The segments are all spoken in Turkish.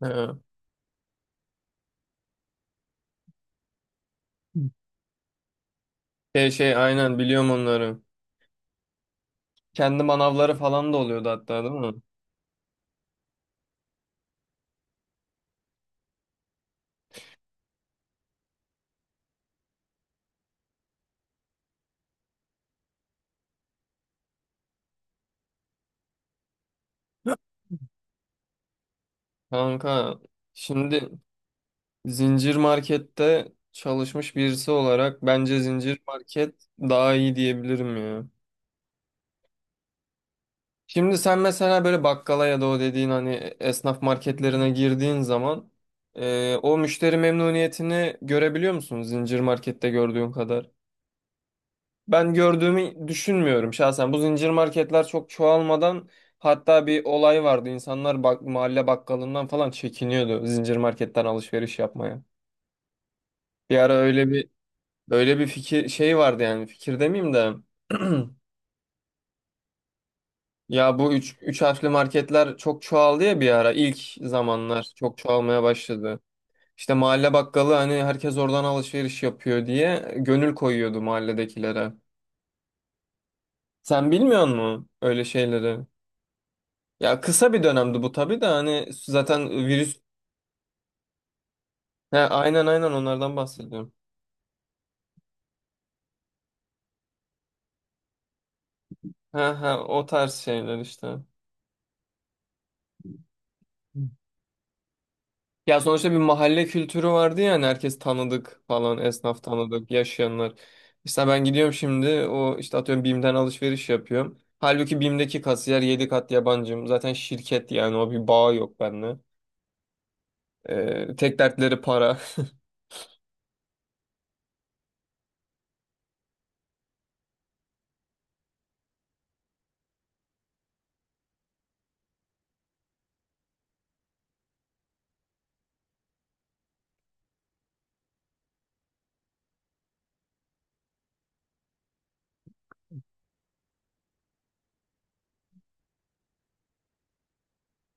Ha. Şey aynen biliyorum onları. Kendi manavları falan da oluyordu hatta değil mi? Kanka şimdi zincir markette çalışmış birisi olarak bence zincir market daha iyi diyebilirim ya. Şimdi sen mesela böyle bakkala ya da o dediğin hani esnaf marketlerine girdiğin zaman o müşteri memnuniyetini görebiliyor musun zincir markette gördüğün kadar? Ben gördüğümü düşünmüyorum şahsen. Bu zincir marketler çok çoğalmadan hatta bir olay vardı. İnsanlar bak, mahalle bakkalından falan çekiniyordu zincir marketten alışveriş yapmaya. Bir ara öyle bir fikir şey vardı yani fikir demeyeyim de ya bu üç harfli marketler çok çoğaldı ya bir ara ilk zamanlar çok çoğalmaya başladı. İşte mahalle bakkalı hani herkes oradan alışveriş yapıyor diye gönül koyuyordu mahalledekilere. Sen bilmiyor musun öyle şeyleri? Ya kısa bir dönemdi bu tabii de hani zaten virüs... He, aynen aynen onlardan bahsediyorum. He he o tarz şeyler işte. Ya sonuçta bir mahalle kültürü vardı ya hani herkes tanıdık falan esnaf tanıdık yaşayanlar. İşte ben gidiyorum şimdi o işte atıyorum BİM'den alışveriş yapıyorum. Halbuki BİM'deki kasiyer 7 kat yabancım. Zaten şirket yani o bir bağ yok benimle. Tek dertleri para.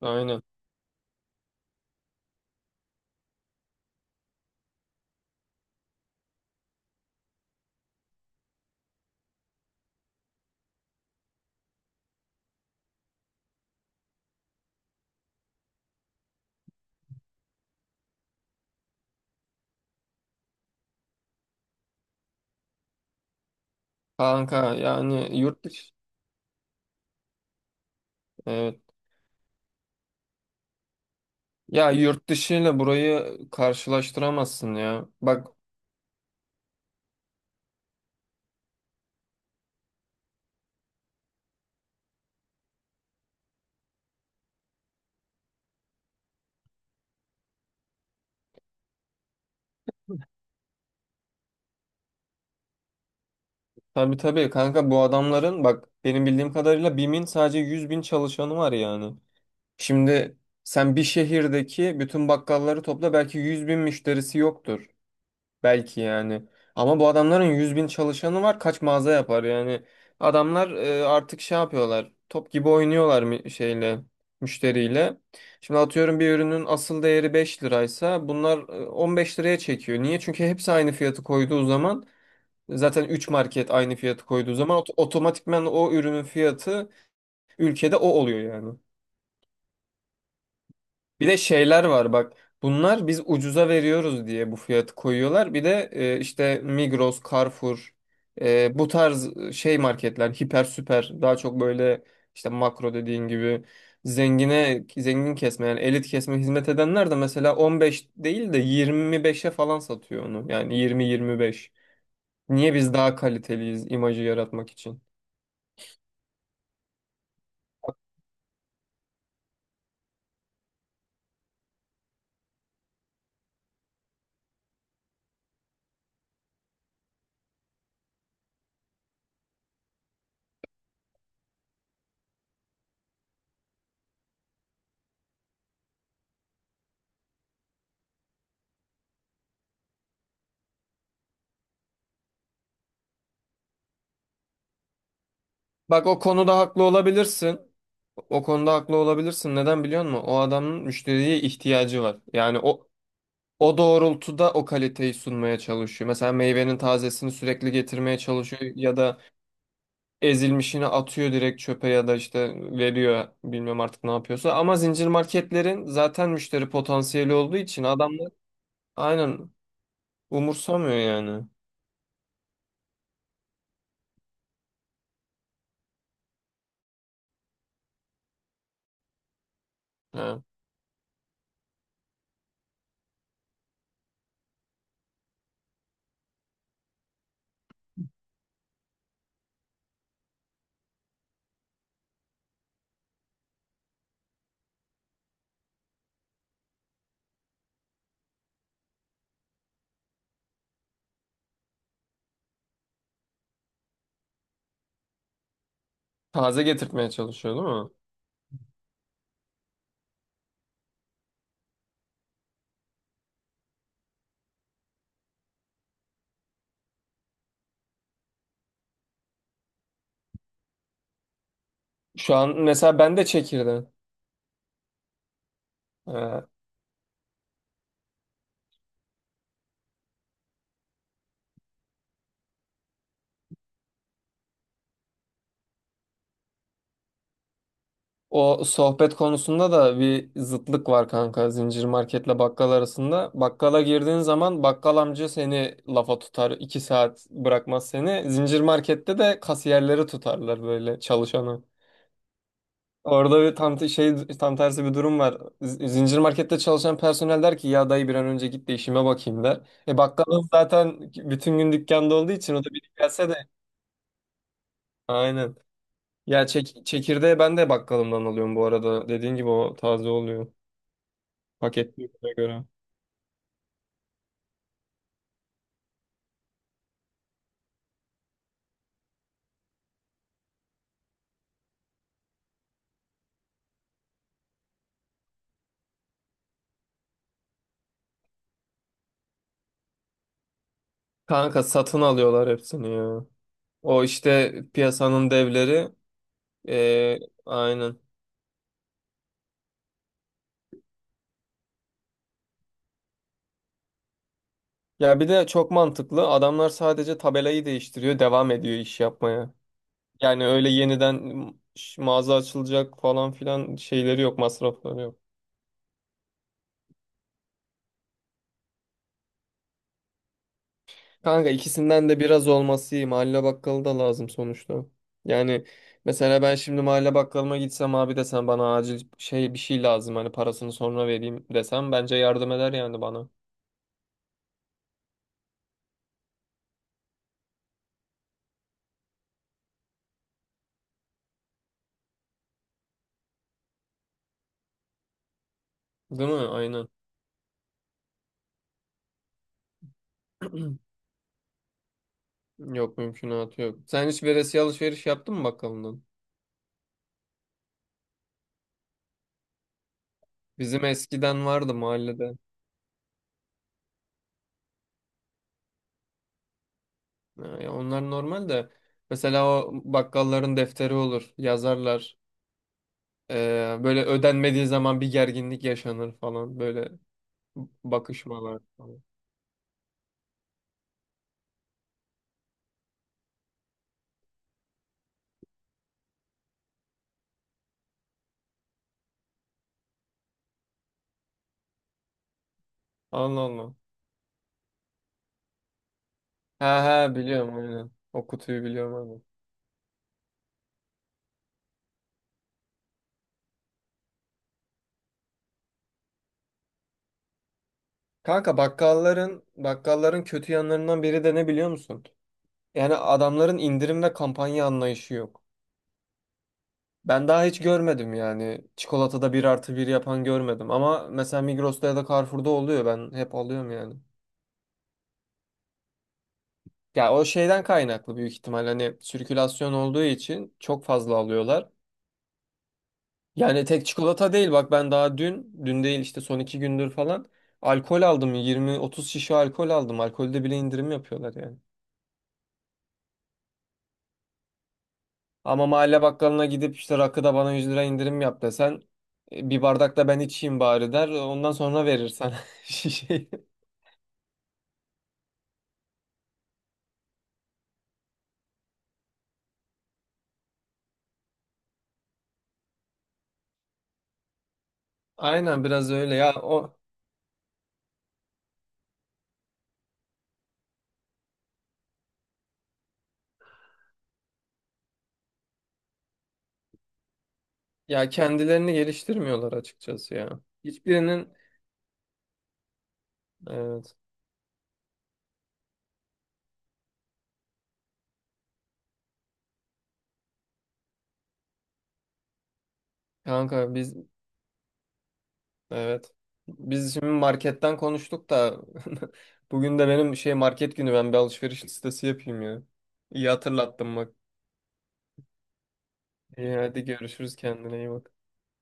Aynen. Kanka yani yurt dışı. Evet. Ya yurt dışı ile burayı karşılaştıramazsın ya. Bak tabii tabii kanka bu adamların bak benim bildiğim kadarıyla BİM'in sadece 100.000 çalışanı var yani. Şimdi sen bir şehirdeki bütün bakkalları topla belki 100.000 müşterisi yoktur. Belki yani. Ama bu adamların 100.000 çalışanı var. Kaç mağaza yapar yani. Adamlar artık şey yapıyorlar. Top gibi oynuyorlar şeyle, müşteriyle. Şimdi atıyorum bir ürünün asıl değeri 5 liraysa bunlar 15 liraya çekiyor. Niye? Çünkü hepsi aynı fiyatı koyduğu zaman zaten 3 market aynı fiyatı koyduğu zaman otomatikman o ürünün fiyatı ülkede o oluyor yani. Bir de şeyler var bak. Bunlar biz ucuza veriyoruz diye bu fiyatı koyuyorlar. Bir de işte Migros, Carrefour bu tarz şey marketler hiper süper daha çok böyle işte makro dediğin gibi zengine zengin kesme yani elit kesme hizmet edenler de mesela 15 değil de 25'e falan satıyor onu. Yani 20-25. Niye biz daha kaliteliyiz imajı yaratmak için? Bak o konuda haklı olabilirsin. O konuda haklı olabilirsin. Neden biliyor musun? O adamın müşteriye ihtiyacı var. Yani o doğrultuda o kaliteyi sunmaya çalışıyor. Mesela meyvenin tazesini sürekli getirmeye çalışıyor ya da ezilmişini atıyor direkt çöpe ya da işte veriyor bilmiyorum artık ne yapıyorsa. Ama zincir marketlerin zaten müşteri potansiyeli olduğu için adamlar aynen umursamıyor yani. Ha, taze getirtmeye çalışıyor değil mi? Şu an mesela ben de çekirdeğim. O sohbet konusunda da bir zıtlık var kanka zincir marketle bakkal arasında. Bakkala girdiğin zaman bakkal amca seni lafa tutar, iki saat bırakmaz seni. Zincir markette de kasiyerleri tutarlar böyle çalışanı. Orada bir tam te- şey tam tersi bir durum var. Zincir markette çalışan personel der ki ya dayı bir an önce git de işime bakayım der. E bakkalın zaten bütün gün dükkanda olduğu için o da biri gelse de aynen. Ya çekirdeği ben de bakkalımdan alıyorum bu arada. Dediğin gibi o taze oluyor. Paketliyorlar göre. Kanka satın alıyorlar hepsini ya. O işte piyasanın devleri. eee, aynen. Ya bir de çok mantıklı. Adamlar sadece tabelayı değiştiriyor, devam ediyor iş yapmaya. Yani öyle yeniden mağaza açılacak falan filan şeyleri yok, masrafları yok. Kanka ikisinden de biraz olması iyi. Mahalle bakkalı da lazım sonuçta. Yani mesela ben şimdi mahalle bakkalıma gitsem abi desem bana acil şey bir şey lazım hani parasını sonra vereyim desem bence yardım eder yani bana. Değil mi? Aynen. Yok mümkünatı yok. Sen hiç veresiye alışveriş yaptın mı bakkalından? Bizim eskiden vardı mahallede. Ha, ya onlar normal de. Mesela o bakkalların defteri olur. Yazarlar. Böyle ödenmediği zaman bir gerginlik yaşanır falan. Böyle bakışmalar falan. Allah Allah. He he biliyorum aynen. O kutuyu biliyorum aynen. Kanka bakkalların kötü yanlarından biri de ne biliyor musun? Yani adamların indirim ve kampanya anlayışı yok. Ben daha hiç görmedim yani. Çikolatada bir artı bir yapan görmedim. Ama mesela Migros'ta ya da Carrefour'da oluyor. Ben hep alıyorum yani. Ya o şeyden kaynaklı büyük ihtimal. Hani sirkülasyon olduğu için çok fazla alıyorlar. Yani tek çikolata değil. Bak ben daha dün değil işte son iki gündür falan. Alkol aldım. 20-30 şişe alkol aldım. Alkolde bile indirim yapıyorlar yani. Ama mahalle bakkalına gidip işte rakıda bana 100 TL indirim yap desen bir bardak da ben içeyim bari der. Ondan sonra verir sana şişeyi. Aynen biraz öyle ya o ya kendilerini geliştirmiyorlar açıkçası ya. Hiçbirinin evet kanka biz evet biz şimdi marketten konuştuk da bugün de benim şey market günü ben bir alışveriş listesi yapayım ya. İyi hatırlattın bak. İyi hadi görüşürüz kendine iyi bak.